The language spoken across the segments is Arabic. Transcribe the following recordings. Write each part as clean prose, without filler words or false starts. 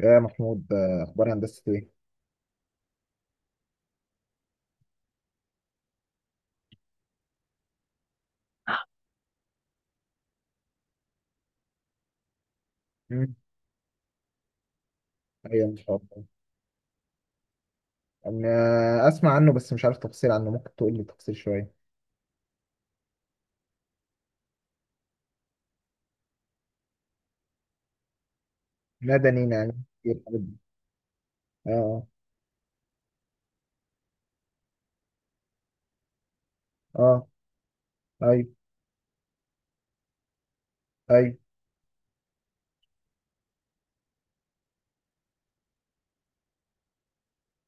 يا محمود اخبار هندسه ايه؟ مم. ايوه، ان شاء الله. انا اسمع عنه، بس مش عارف تفاصيل عنه. ممكن تقول لي تفاصيل شويه؟ مدني يعني إيه الحاجات دي؟ اه، اه، اه، ايوه، ايوه.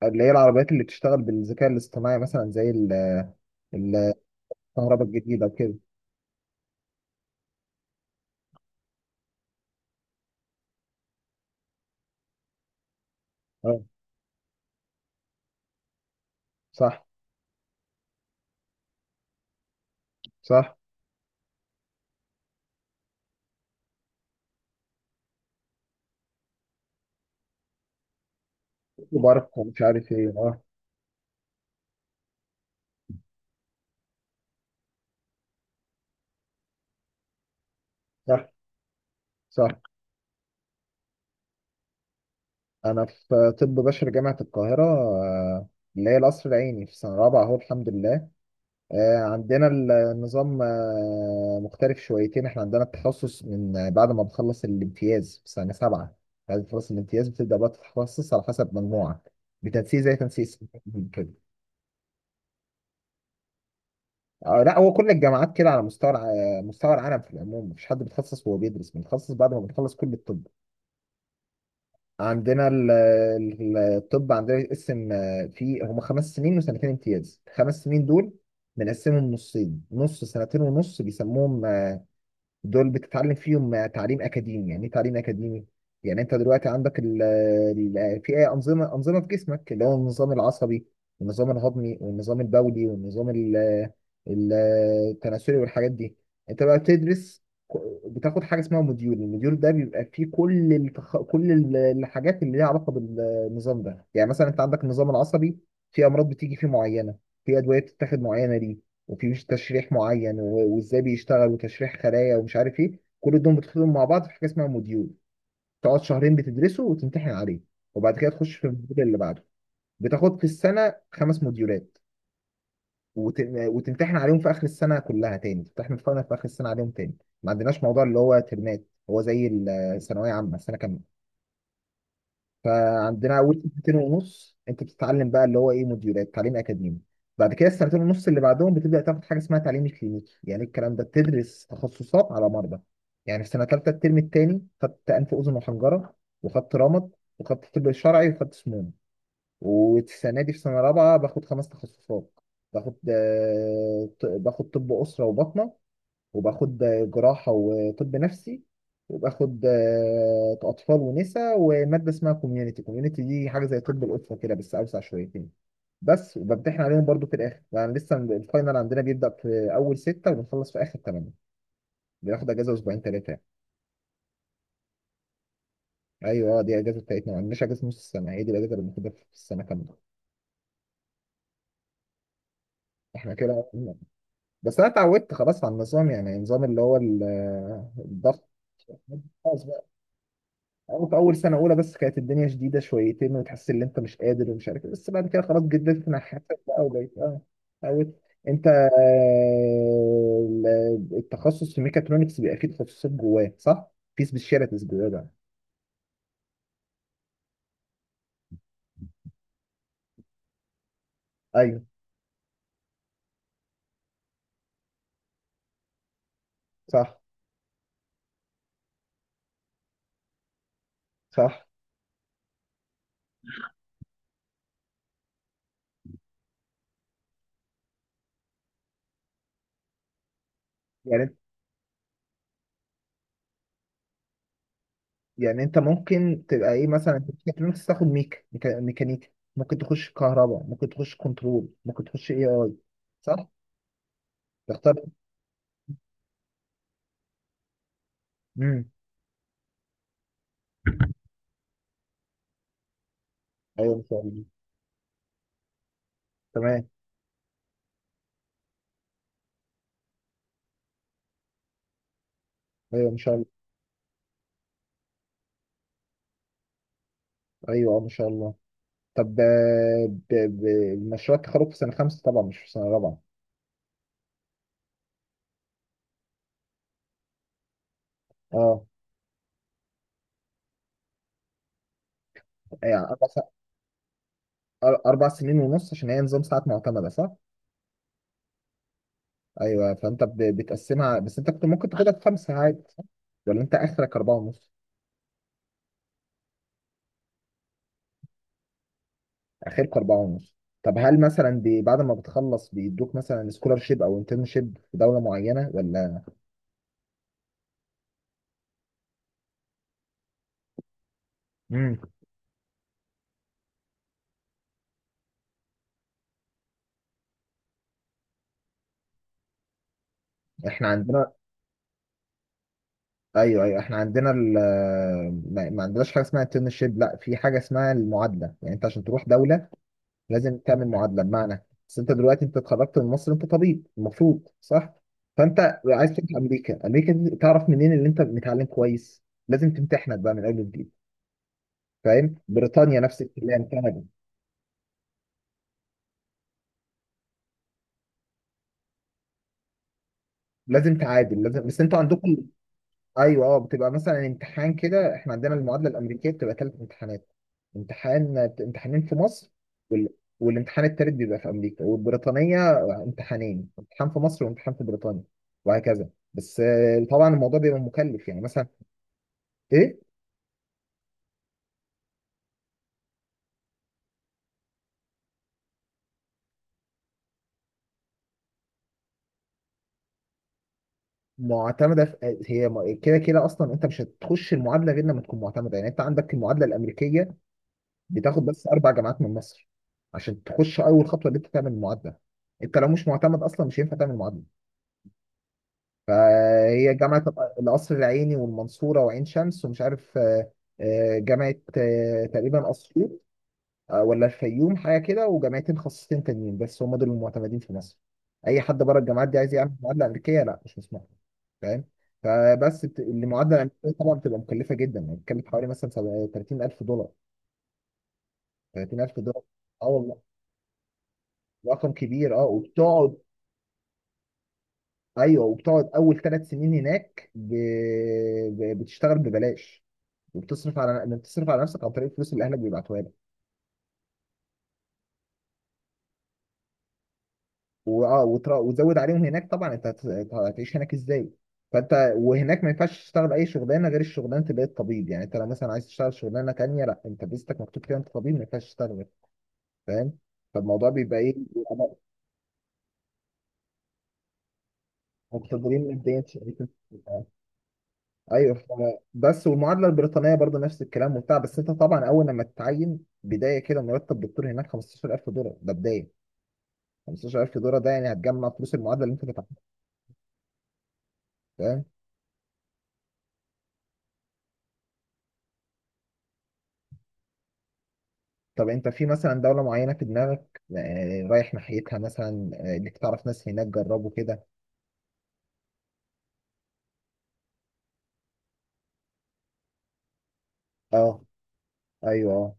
اللي هي العربيات اللي بتشتغل بالذكاء الاصطناعي مثلا زي الكهرباء الجديده وكده. اه، صح، صح. وبرق ومش عارف ايه، اه. صح، صح. انا في طب بشري جامعه القاهره، اللي هي القصر العيني في سنه رابعه اهو، الحمد لله. عندنا النظام مختلف شويتين. احنا عندنا التخصص من بعد ما بنخلص الامتياز في سنة 7. بعد ما تخلص الامتياز بتبدأ بقى تتخصص على حسب مجموعك، بتنسيق زي تنسيق كده. آه لا، هو كل الجامعات كده على مستوى مستوى العالم في العموم. مفيش حد بيتخصص وهو بيدرس، بنتخصص بعد ما بنخلص كل الطب. عندنا الطب عندنا يتقسم، في هما 5 سنين وسنتين امتياز. الخمس سنين دول بنقسمهم نصين، نص سنتين ونص بيسموهم دول بتتعلم فيهم تعليم اكاديمي. يعني ايه تعليم اكاديمي؟ يعني انت دلوقتي عندك ال في انظمه انظمه في جسمك، اللي هو النظام العصبي والنظام الهضمي والنظام البولي والنظام ال- التناسلي والحاجات دي. انت بقى بتدرس، بتاخد حاجه اسمها موديول. الموديول ده بيبقى فيه كل الحاجات اللي ليها علاقه بالنظام ده. يعني مثلا انت عندك النظام العصبي، في امراض بتيجي فيه معينه، في ادويه بتتاخد معينه ليه، وفي مش تشريح معين وازاي بيشتغل وتشريح خلايا ومش عارف ايه. كل دول بتدخلهم مع بعض في حاجه اسمها موديول. تقعد شهرين بتدرسه وتمتحن عليه، وبعد كده تخش في الموديول اللي بعده. بتاخد في السنه خمس موديولات وت- وتمتحن عليهم في اخر السنه كلها. تاني تمتحن الفاينل في اخر السنه عليهم تاني. ما عندناش موضوع اللي هو ترمات، هو زي الثانويه عامه السنه كامله. فعندنا اول سنتين ونص انت بتتعلم بقى اللي هو ايه، موديولات تعليم اكاديمي. بعد كده السنتين ونص اللي بعدهم بتبدا تاخد حاجه اسمها تعليم كلينيكي، يعني الكلام ده بتدرس تخصصات على مرضى. يعني في سنه ثالثه الترم الثاني خدت انف اذن وحنجره، وخدت رمد، وخدت طب شرعي، وخدت سموم. والسنه دي في سنه رابعه باخد خمس تخصصات. باخد طب اسره وبطنه، وباخد جراحة وطب نفسي، وباخد أطفال ونساء ومادة اسمها كوميونيتي. كوميونيتي دي حاجة زي طب الأسرة كده بس أوسع شويتين. بس وبمتحن عليهم برضو في الآخر. يعني لسه الفاينل عندنا بيبدأ في أول ستة وبنخلص في آخر تمانية. بناخد أجازة أسبوعين تلاتة يعني. أيوه، دي الأجازة بتاعتنا. ما عندناش أجازة نص السنة، هي دي الأجازة اللي بناخدها في السنة كاملة. إحنا كده. بس أنا اتعودت خلاص على النظام. يعني النظام اللي هو الضغط. أو في أول سنة أولى بس كانت الدنيا شديدة شويتين وتحس إن أنت مش قادر ومش عارف إيه، بس بعد كده خلاص جددت ناحيتك بقى وبقيت أه، اتعودت. أنت، التخصص في ميكاترونكس بيبقى فيه تخصصات جواه صح؟ في سبيشاليتيز جواه بقى. أيوه، صح، صح. يعني يعني أنت ممكن تبقى إيه مثلا في ميكاترونكس تاخد ميكانيكا، ممكن تخش كهرباء، ممكن تخش كنترول، ممكن تخش اي اي، صح؟ تختار. امم ايوه، ان شاء الله. تمام. ايوه، ان شاء الله. ايوه، ما شاء الله. طب، مشروع التخرج في سنه خمسه طبعا مش في سنه رابعه. اه. يعني 4 سنين ونص عشان هي نظام ساعات معتمده صح؟ ايوه، فانت بتقسمها، بس انت كنت ممكن تاخدها في خمسه عادي صح؟ ولا انت اخرك اربعه ونص؟ اخرك اربعه ونص. طب هل مثلا بعد ما بتخلص بيدوك مثلا سكولارشيب او انترنشيب في دوله معينه ولا؟ امم احنا عندنا، ايوه، ايوه، احنا عندنا. ما عندناش حاجه اسمها انترنشيب. لا، في حاجه اسمها المعادله. يعني انت عشان تروح دوله لازم تعمل معادله. بمعنى، بس انت دلوقتي انت اتخرجت من مصر، انت طبيب المفروض صح. فانت عايز تروح امريكا. امريكا دي تعرف منين اللي انت متعلم كويس؟ لازم تمتحنك بقى من اول وجديد. فاهم. بريطانيا نفس الكلام، كندا لازم تعادل، لازم. بس انتوا عندكم ايوه، اه بتبقى مثلا امتحان كده. احنا عندنا المعادله الامريكيه بتبقى ثلاث امتحانات. امتحان، امتحانين في مصر وال... والامتحان التالت بيبقى في امريكا. والبريطانيه امتحانين، امتحان في مصر وامتحان في بريطانيا. وهكذا. بس طبعا الموضوع بيبقى مكلف. يعني مثلا ايه معتمده في... آه، هي م- كده كده اصلا انت مش هتخش المعادله غير لما تكون معتمده. يعني انت عندك المعادله الامريكيه بتاخد بس اربع جامعات من مصر عشان تخش اول خطوه، اللي انت تعمل المعادله. انت لو مش معتمد اصلا مش هينفع تعمل معادله. فهي جامعة القصر العيني والمنصورة وعين شمس ومش عارف، جامعة، تقريبا أسيوط، ولا الفيوم حاجة كده، وجامعتين خاصتين تانيين. بس هم دول المعتمدين في مصر. أي حد بره الجامعات دي عايز يعمل معادلة أمريكية، لا، مش مسموح له. فاهم. المعادلة الأمريكية طبعا بتبقى مكلفة جدا. يعني بتتكلم في حوالي مثلا 30000 دولار، 30000 دولار. اه والله، رقم كبير، اه. وبتقعد ايوه، وبتقعد اول 3 سنين هناك بتشتغل ببلاش. وبتصرف على انك تصرف على نفسك عن طريق الفلوس اللي اهلك بيبعتوها لك. واه، وتزود عليهم هناك. طبعا انت هتعيش هناك ازاي. فانت، وهناك ما ينفعش تشتغل اي شغلانه غير الشغلانه اللي هي الطبيب. يعني انت لو مثلا عايز تشتغل شغلانه تانيه لا، انت فيزتك مكتوب كده انت طبيب، ما ينفعش تشتغل فاهم. فالموضوع بيبقى ايه؟ بيبقى مقتدرين ماديا شويتين. ايوه، بس والمعادله البريطانيه برضه نفس الكلام وبتاع. بس انت طبعا اول لما تتعين بدايه كده مرتب دكتور هناك 15000 دولار، ده بدايه. 15000 دولار ده يعني هتجمع فلوس المعادله اللي انت دفعتها. فاهم؟ طب انت في مثلا دولة معينة في دماغك، رايح ناحيتها مثلا، انك تعرف ناس هناك جربوا كده. اه، ايوه، اه.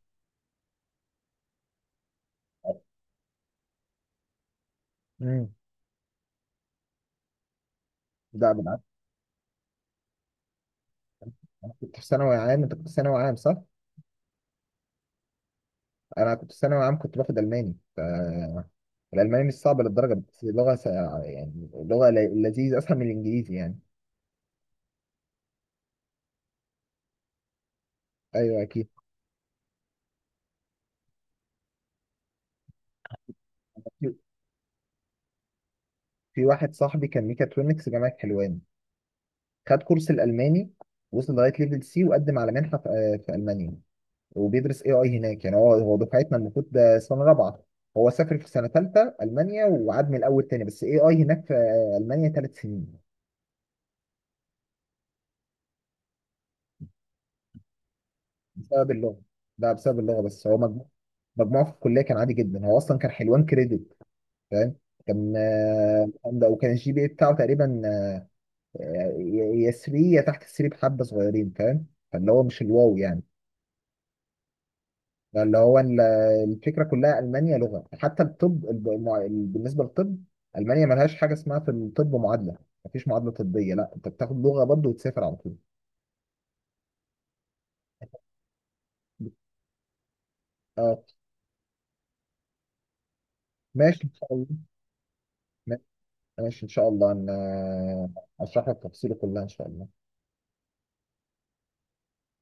امم لا بالعكس. انا كنت في ثانوي عام. انت كنت في ثانوي عام صح؟ انا كنت في ثانوي عام كنت باخد الماني الالماني مش صعب للدرجة، بس لغة يعني لغة لذيذة، اسهل من الانجليزي يعني. ايوه، اكيد. في في واحد صاحبي كان ميكاترونكس جامعة حلوان، خد كورس الالماني، وصل لغاية ليفل سي وقدم على منحة في المانيا. وبيدرس اي اي هناك. يعني هو دفعتنا المفروض ده سنه رابعه، هو سافر في سنه ثالثه المانيا وعاد من الاول تاني، بس اي اي هناك في المانيا 3 سنين. بسبب اللغه، ده بسبب اللغه. بس هو مجموع، مجموعه في الكليه كان عادي جدا. هو اصلا كان حلوان كريدت، فاهم. كان، ده، وكان الجي بي اي بتاعه تقريبا، آه، يا 3 يا تحت 3، بحبه صغيرين، فاهم. فاللي هو مش الواو يعني. يعني اللي هو الفكره كلها، المانيا لغه. حتى الطب، بالنسبه للطب المانيا ملهاش حاجه اسمها في الطب معادله. مفيش معادله طبيه، لا، انت بتاخد لغه برضه وتسافر على طول. اه، ماشي ان شاء الله. ماشي ان شاء الله، انا اشرح لك تفصيله كلها ان شاء الله.